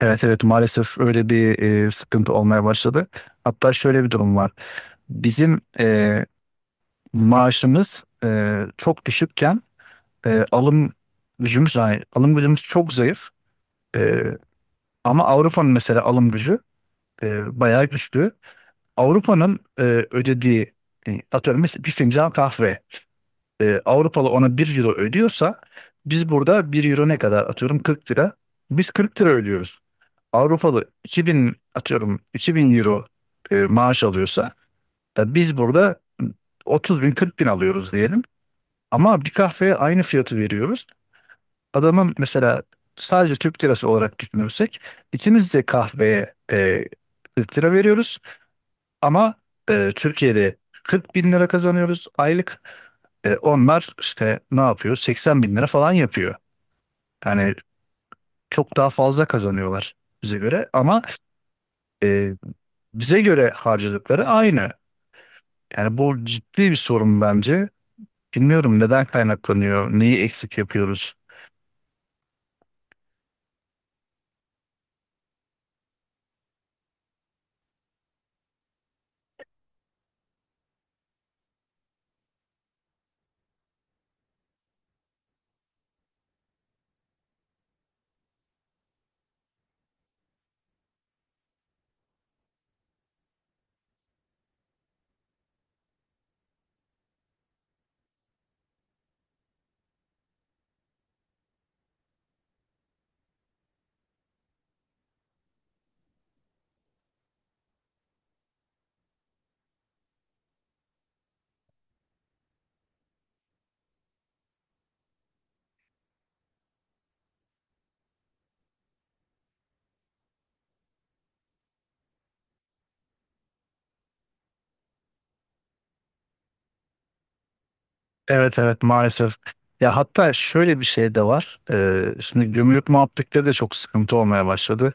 Evet, evet, maalesef öyle bir sıkıntı olmaya başladı. Hatta şöyle bir durum var. Bizim maaşımız çok düşükken alım gücümüz zayıf. Alım gücümüz çok zayıf. E, ama Avrupa'nın mesela alım gücü bayağı güçlü. Avrupa'nın ödediği atıyorum mesela bir fincan kahve. Avrupalı ona bir euro ödüyorsa biz burada bir euro ne kadar atıyorum 40 lira. Biz 40 lira ödüyoruz. Avrupalı 2.000 atıyorum 2.000 euro maaş alıyorsa biz burada 30 bin 40 bin alıyoruz diyelim. Ama bir kahveye aynı fiyatı veriyoruz. Adamın mesela sadece Türk lirası olarak düşünürsek ikimiz de kahveye 40 lira veriyoruz. Ama Türkiye'de 40 bin lira kazanıyoruz aylık. Onlar işte ne yapıyor? 80 bin lira falan yapıyor. Yani çok daha fazla kazanıyorlar bize göre ama e, bize göre harcadıkları aynı. Yani bu ciddi bir sorun bence. Bilmiyorum neden kaynaklanıyor, neyi eksik yapıyoruz. Evet, evet, maalesef. Ya hatta şöyle bir şey de var. Şimdi gümrük muhabbetleri de çok sıkıntı olmaya başladı.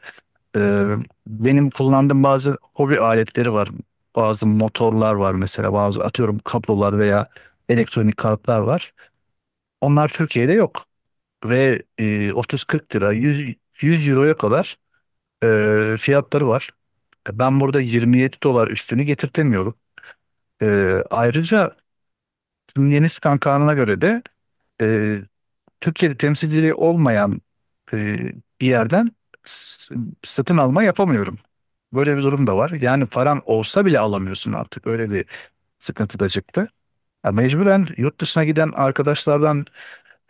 Ee, benim kullandığım bazı hobi aletleri var. Bazı motorlar var mesela, bazı atıyorum kablolar veya elektronik kartlar var. Onlar Türkiye'de yok. Ve 30-40 lira, 100, 100 euroya kadar fiyatları var. Ben burada 27 dolar üstünü getirtemiyorum. E, ayrıca yeni çıkan kanuna göre de e, Türkiye'de temsilciliği olmayan e, bir yerden s- satın alma yapamıyorum. Böyle bir durum da var. Yani paran olsa bile alamıyorsun artık. Öyle bir sıkıntı da çıktı. Ya mecburen yurt dışına giden arkadaşlardan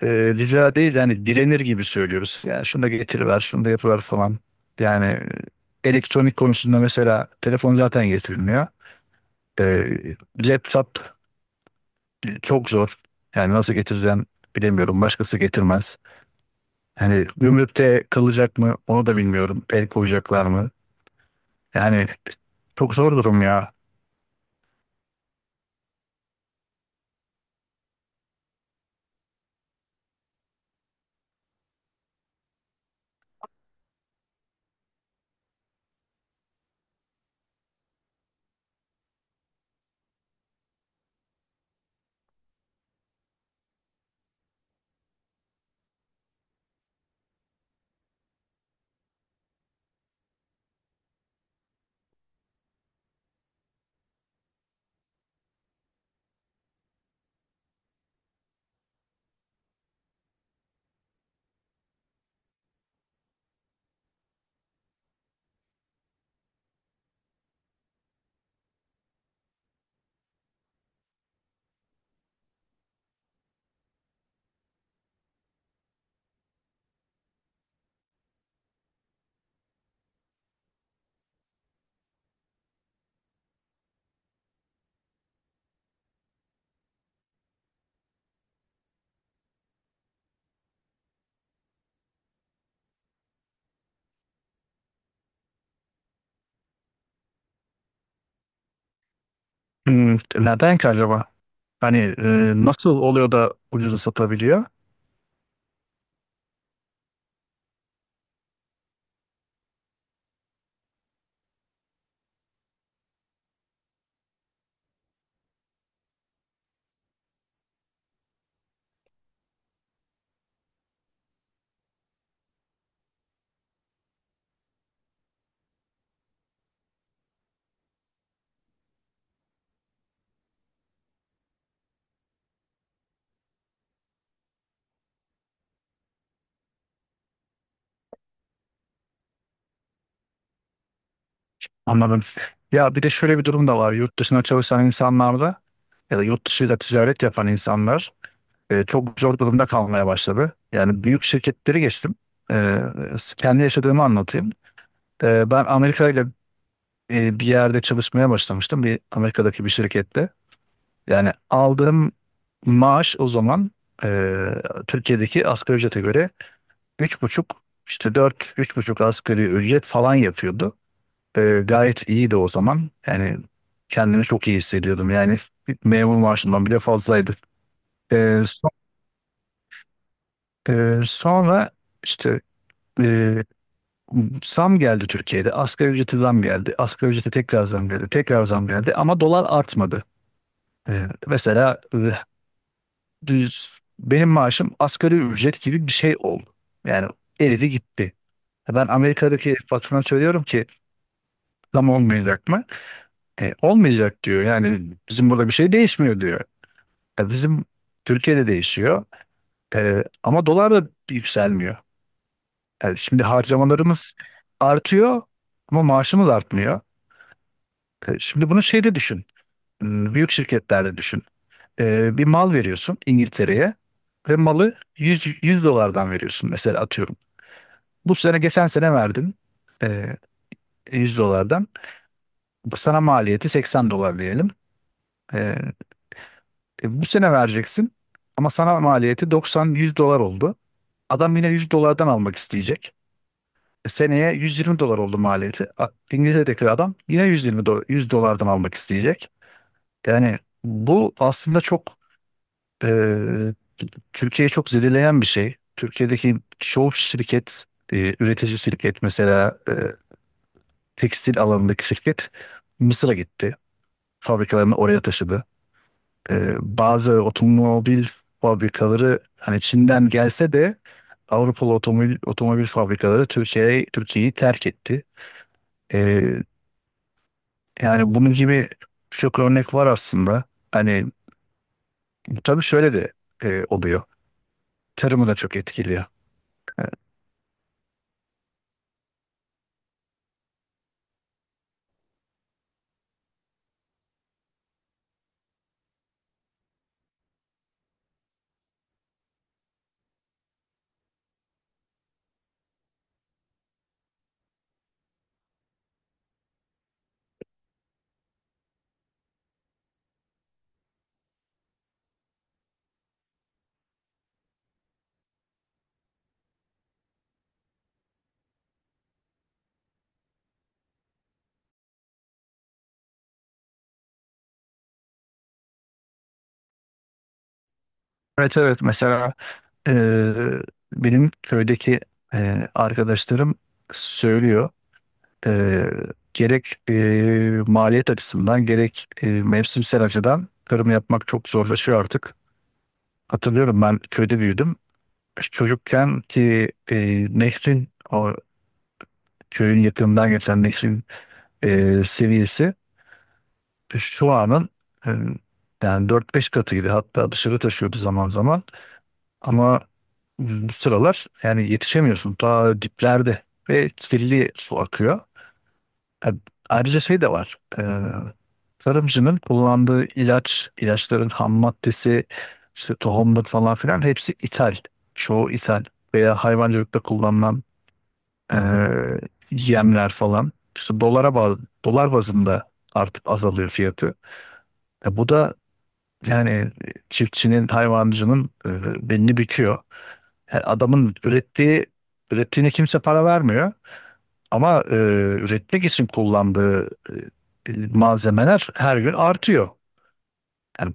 rica değil yani direnir gibi söylüyoruz. Yani şunu da getiriver, şunu da yapıver falan. Yani elektronik konusunda mesela telefon zaten getirilmiyor. E, laptop çok zor. Yani nasıl getireceğim bilemiyorum. Başkası getirmez. Hani gümrükte kalacak mı onu da bilmiyorum. El koyacaklar mı? Yani çok zor durum ya. Neden ki acaba? Hani nasıl oluyor da ucuza satabiliyor? Anladım. Ya bir de şöyle bir durum da var. Yurt dışına çalışan insanlarda ya da yurt dışıyla ticaret yapan insanlar çok zor durumda kalmaya başladı. Yani büyük şirketleri geçtim. E, kendi yaşadığımı anlatayım. Ben Amerika ile bir yerde çalışmaya başlamıştım. Bir Amerika'daki bir şirkette. Yani aldığım maaş o zaman Türkiye'deki asgari ücrete göre üç buçuk işte dört üç buçuk asgari ücret falan yapıyordu. Gayet iyiydi o zaman. Yani kendimi çok iyi hissediyordum. Yani bir memur maaşından bile fazlaydı. Eee, so- sonra işte eee, zam geldi Türkiye'de. Asgari ücrete zam geldi. Asgari ücrete tekrar zam geldi. Tekrar zam geldi ama dolar artmadı. Mesela düz benim maaşım asgari ücret gibi bir şey oldu. Yani eridi gitti. Ben Amerika'daki patrona söylüyorum ki zam olmayacak mı? Olmayacak diyor. Yani bizim burada bir şey değişmiyor diyor. Bizim Türkiye'de değişiyor. Ama dolar da yükselmiyor. Yani şimdi harcamalarımız artıyor ama maaşımız artmıyor. Şimdi bunu şeyde düşün. Büyük şirketlerde düşün. Bir mal veriyorsun İngiltere'ye ve malı yüz dolardan veriyorsun mesela atıyorum. Bu sene geçen sene verdim e, 100 dolardan. Sana maliyeti 80 dolar diyelim. E, bu sene vereceksin ama sana maliyeti 90-100 dolar oldu. Adam yine 100 dolardan almak isteyecek. Seneye 120 dolar oldu maliyeti. İngiltere'deki adam yine 100 dolardan almak isteyecek. Yani bu aslında çok e, Türkiye'yi çok zedeleyen bir şey. Türkiye'deki çoğu şirket, üretici şirket mesela tekstil alanındaki şirket Mısır'a gitti. Fabrikalarını oraya taşıdı. Bazı otomobil fabrikaları hani Çin'den gelse de Avrupalı otomobil fabrikaları Türkiye'yi terk etti. Ee, yani bunun gibi çok örnek var aslında. Hani tabii şöyle de oluyor. Tarımı da çok etkili. Evet. Evet, evet, mesela eee, benim köydeki arkadaşlarım söylüyor. Eee, gerek maliyet açısından gerek mevsimsel açıdan tarım yapmak çok zorlaşıyor artık. Hatırlıyorum ben köyde büyüdüm. Çocukken ki nehrin o köyün yakınından geçen nehrin seviyesi şu anın e, yani 4-5 katıydı. Hatta dışarı taşıyordu zaman zaman. Ama bu sıralar yani yetişemiyorsun. Ta diplerde ve kirli su akıyor. E, Ayrıca şey de var. Tarımcının kullandığı ilaç, ilaçların ham maddesi, işte tohumlar falan filan hepsi ithal. Çoğu ithal veya hayvancılıkta kullanılan Ee, yemler falan. İşte dolar bazında artık azalıyor fiyatı. Bu da yani çiftçinin, hayvancının belini büküyor. Yani adamın ürettiğine kimse para vermiyor. Ama üretmek için kullandığı malzemeler her gün artıyor. Yani.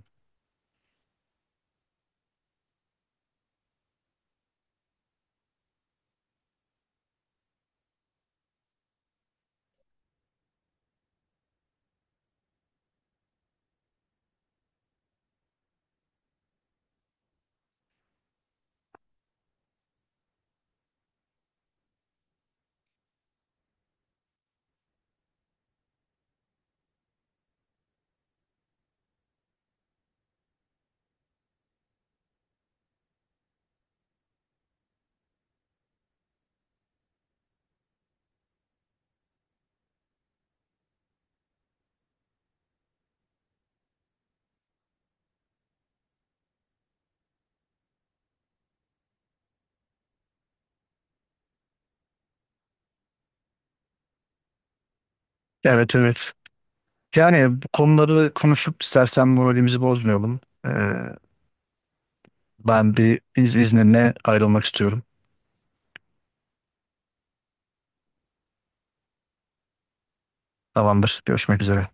Evet, evet. Yani bu konuları konuşup istersen moralimizi bozmayalım. Ee, ben bir izninle ayrılmak istiyorum. Tamamdır. Görüşmek üzere.